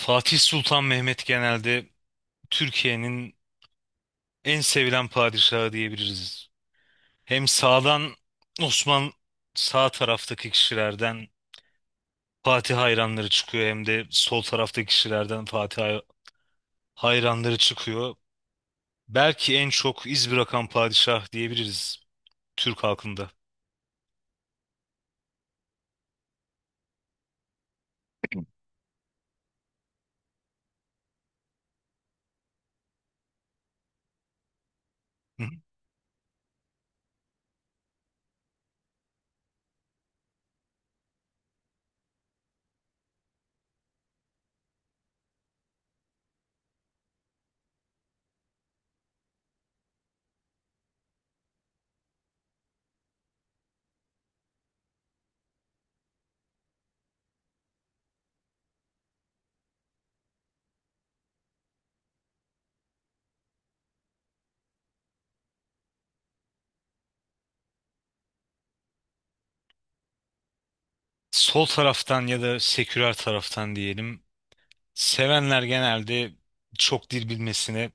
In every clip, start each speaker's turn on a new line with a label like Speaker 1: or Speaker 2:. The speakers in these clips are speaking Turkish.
Speaker 1: Fatih Sultan Mehmet genelde Türkiye'nin en sevilen padişahı diyebiliriz. Hem Osman sağ taraftaki kişilerden Fatih hayranları çıkıyor hem de sol taraftaki kişilerden Fatih hayranları çıkıyor. Belki en çok iz bırakan padişah diyebiliriz Türk halkında. Hı, hı. Sol taraftan ya da seküler taraftan diyelim. Sevenler genelde çok dil bilmesine,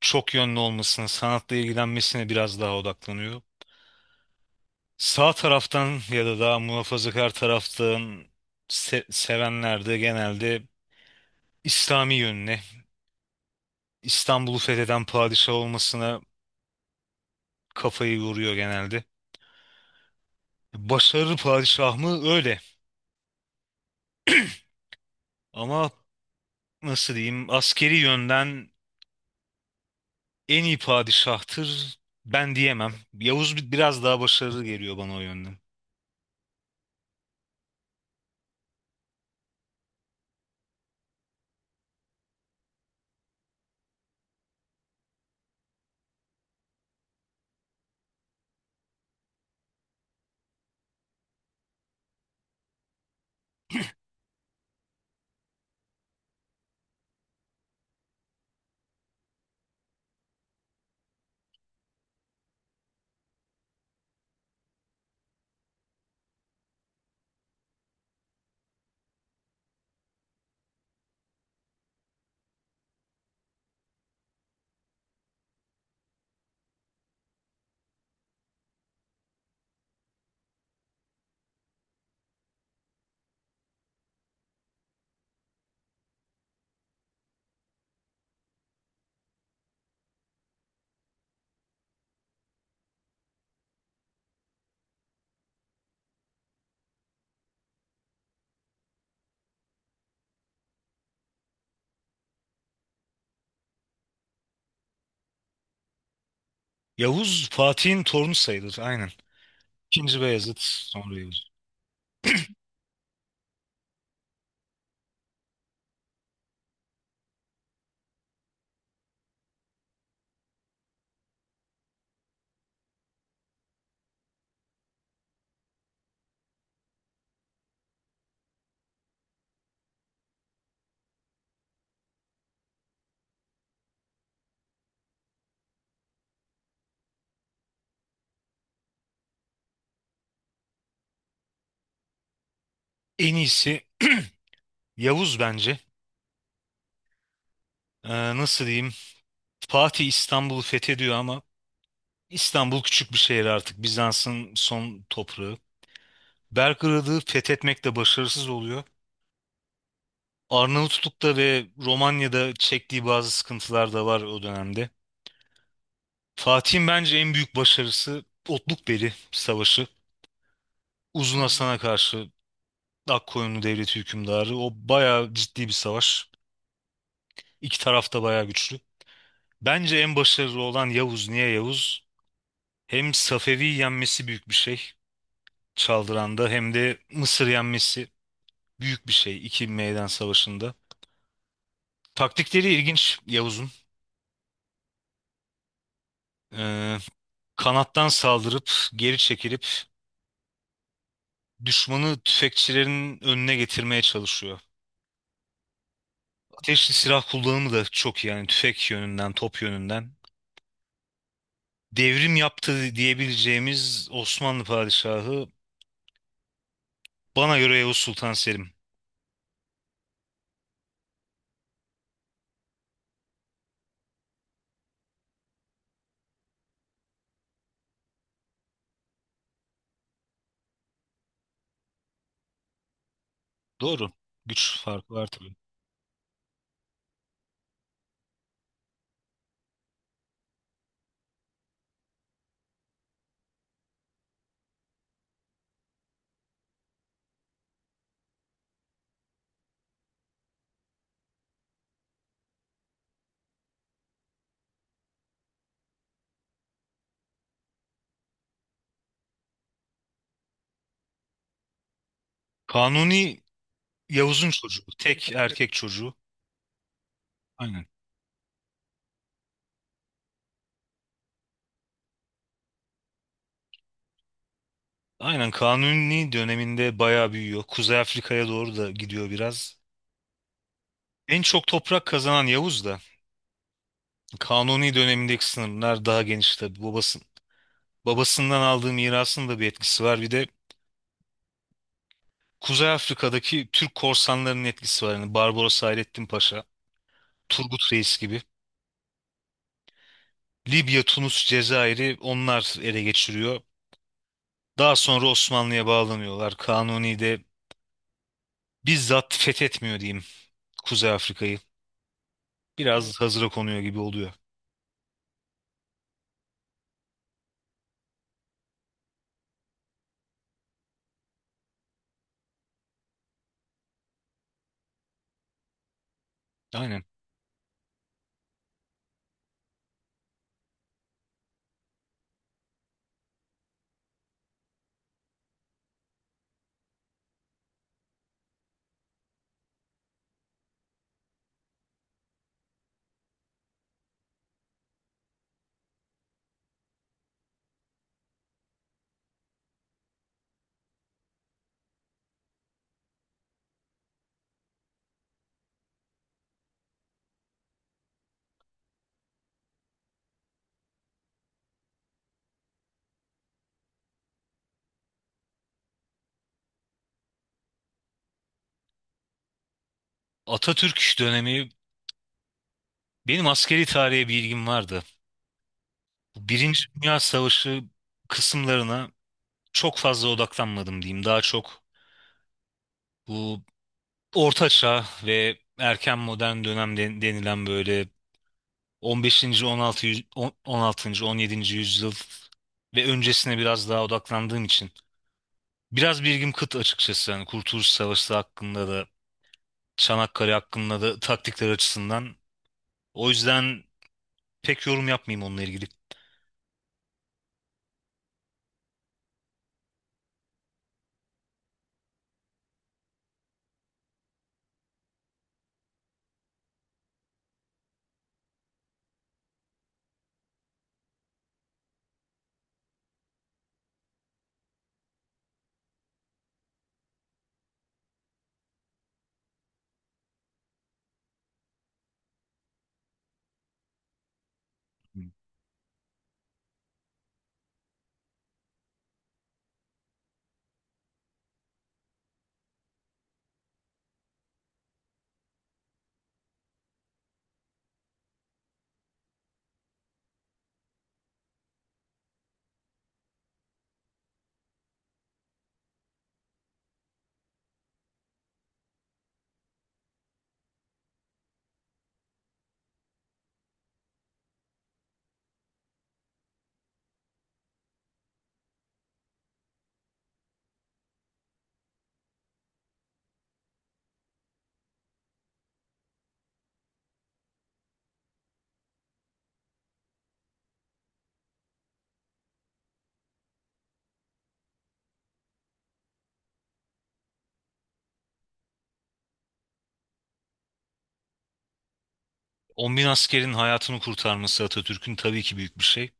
Speaker 1: çok yönlü olmasına, sanatla ilgilenmesine biraz daha odaklanıyor. Sağ taraftan ya da daha muhafazakar taraftan sevenler de genelde İslami yönüne, İstanbul'u fetheden padişah olmasına kafayı yoruyor genelde. Başarılı padişah mı? Öyle. Ama nasıl diyeyim, askeri yönden en iyi padişahtır ben diyemem. Yavuz biraz daha başarılı geliyor bana o yönden. Yavuz Fatih'in torunu sayılır, aynen. İkinci Beyazıt, sonra Yavuz. En iyisi Yavuz bence. Ee, Nasıl diyeyim? Fatih İstanbul'u fethediyor ama İstanbul küçük bir şehir artık. Bizans'ın son toprağı. Belgrad'ı fethetmekte başarısız oluyor. Arnavutluk'ta ve Romanya'da çektiği bazı sıkıntılar da var o dönemde. Fatih'in bence en büyük başarısı Otlukbeli Savaşı. Uzun Hasan'a karşı Akkoyunlu Devleti hükümdarı. O bayağı ciddi bir savaş. İki taraf da bayağı güçlü. Bence en başarılı olan Yavuz. Niye Yavuz? Hem Safevi'yi yenmesi büyük bir şey. Çaldıran'da hem de Mısır yenmesi büyük bir şey iki meydan savaşında. Taktikleri ilginç Yavuz'un. Ee, Kanattan saldırıp geri çekilip düşmanı tüfekçilerin önüne getirmeye çalışıyor. Ateşli silah kullanımı da çok iyi yani tüfek yönünden, top yönünden. Devrim yaptı diyebileceğimiz Osmanlı padişahı bana göre Yavuz Sultan Selim. Doğru. Güç farkı var tabii. Kanuni Yavuz'un çocuğu. Tek erkek çocuğu. Aynen. Aynen Kanuni döneminde bayağı büyüyor. Kuzey Afrika'ya doğru da gidiyor biraz. En çok toprak kazanan Yavuz da Kanuni dönemindeki sınırlar daha geniş tabii. Babası, babasından aldığı mirasın da bir etkisi var. Bir de Kuzey Afrika'daki Türk korsanlarının etkisi var. Yani Barbaros Hayrettin Paşa, Turgut Reis gibi. Libya, Tunus, Cezayir'i onlar ele geçiriyor. Daha sonra Osmanlı'ya bağlanıyorlar. Kanuni de bizzat fethetmiyor diyeyim Kuzey Afrika'yı. Biraz hazıra konuyor gibi oluyor. Aynen. Atatürk dönemi, benim askeri tarihe bir ilgim vardı. Bu Birinci Dünya Savaşı kısımlarına çok fazla odaklanmadım diyeyim. Daha çok bu Orta Çağ ve erken modern dönem denilen böyle 15. 16. 16. 17. yüzyıl ve öncesine biraz daha odaklandığım için biraz bilgim kıt açıkçası. Yani Kurtuluş Savaşı hakkında da Çanakkale hakkında da taktikler açısından. O yüzden pek yorum yapmayayım onunla ilgili. 10 bin askerin hayatını kurtarması Atatürk'ün tabii ki büyük bir şey.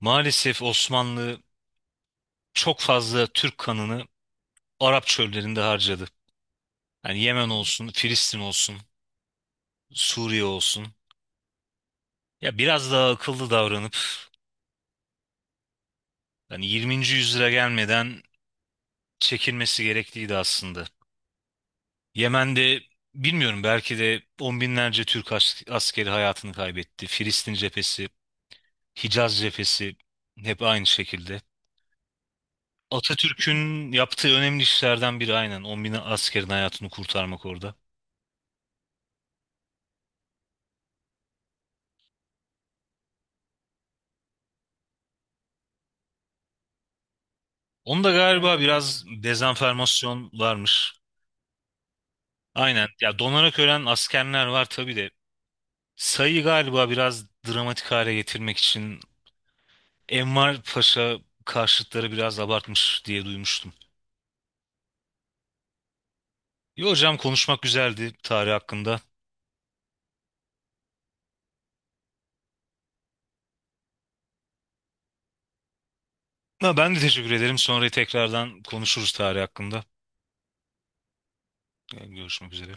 Speaker 1: Maalesef Osmanlı çok fazla Türk kanını Arap çöllerinde harcadı. Yani Yemen olsun, Filistin olsun, Suriye olsun. Ya biraz daha akıllı davranıp hani 20. yüzyıla gelmeden çekilmesi gerekliydi aslında. Yemen'de bilmiyorum belki de on binlerce Türk askeri hayatını kaybetti. Filistin cephesi, Hicaz cephesi hep aynı şekilde. Atatürk'ün yaptığı önemli işlerden biri aynen 10 bin askerin hayatını kurtarmak orada. Onda galiba, evet, biraz dezenformasyon varmış. Aynen ya, donarak ölen askerler var tabii de sayıyı galiba biraz dramatik hale getirmek için Enver Paşa karşıtları biraz abartmış diye duymuştum. İyi hocam, konuşmak güzeldi tarih hakkında. Ha, ben de teşekkür ederim. Sonra tekrardan konuşuruz tarih hakkında. Yani görüşmek üzere.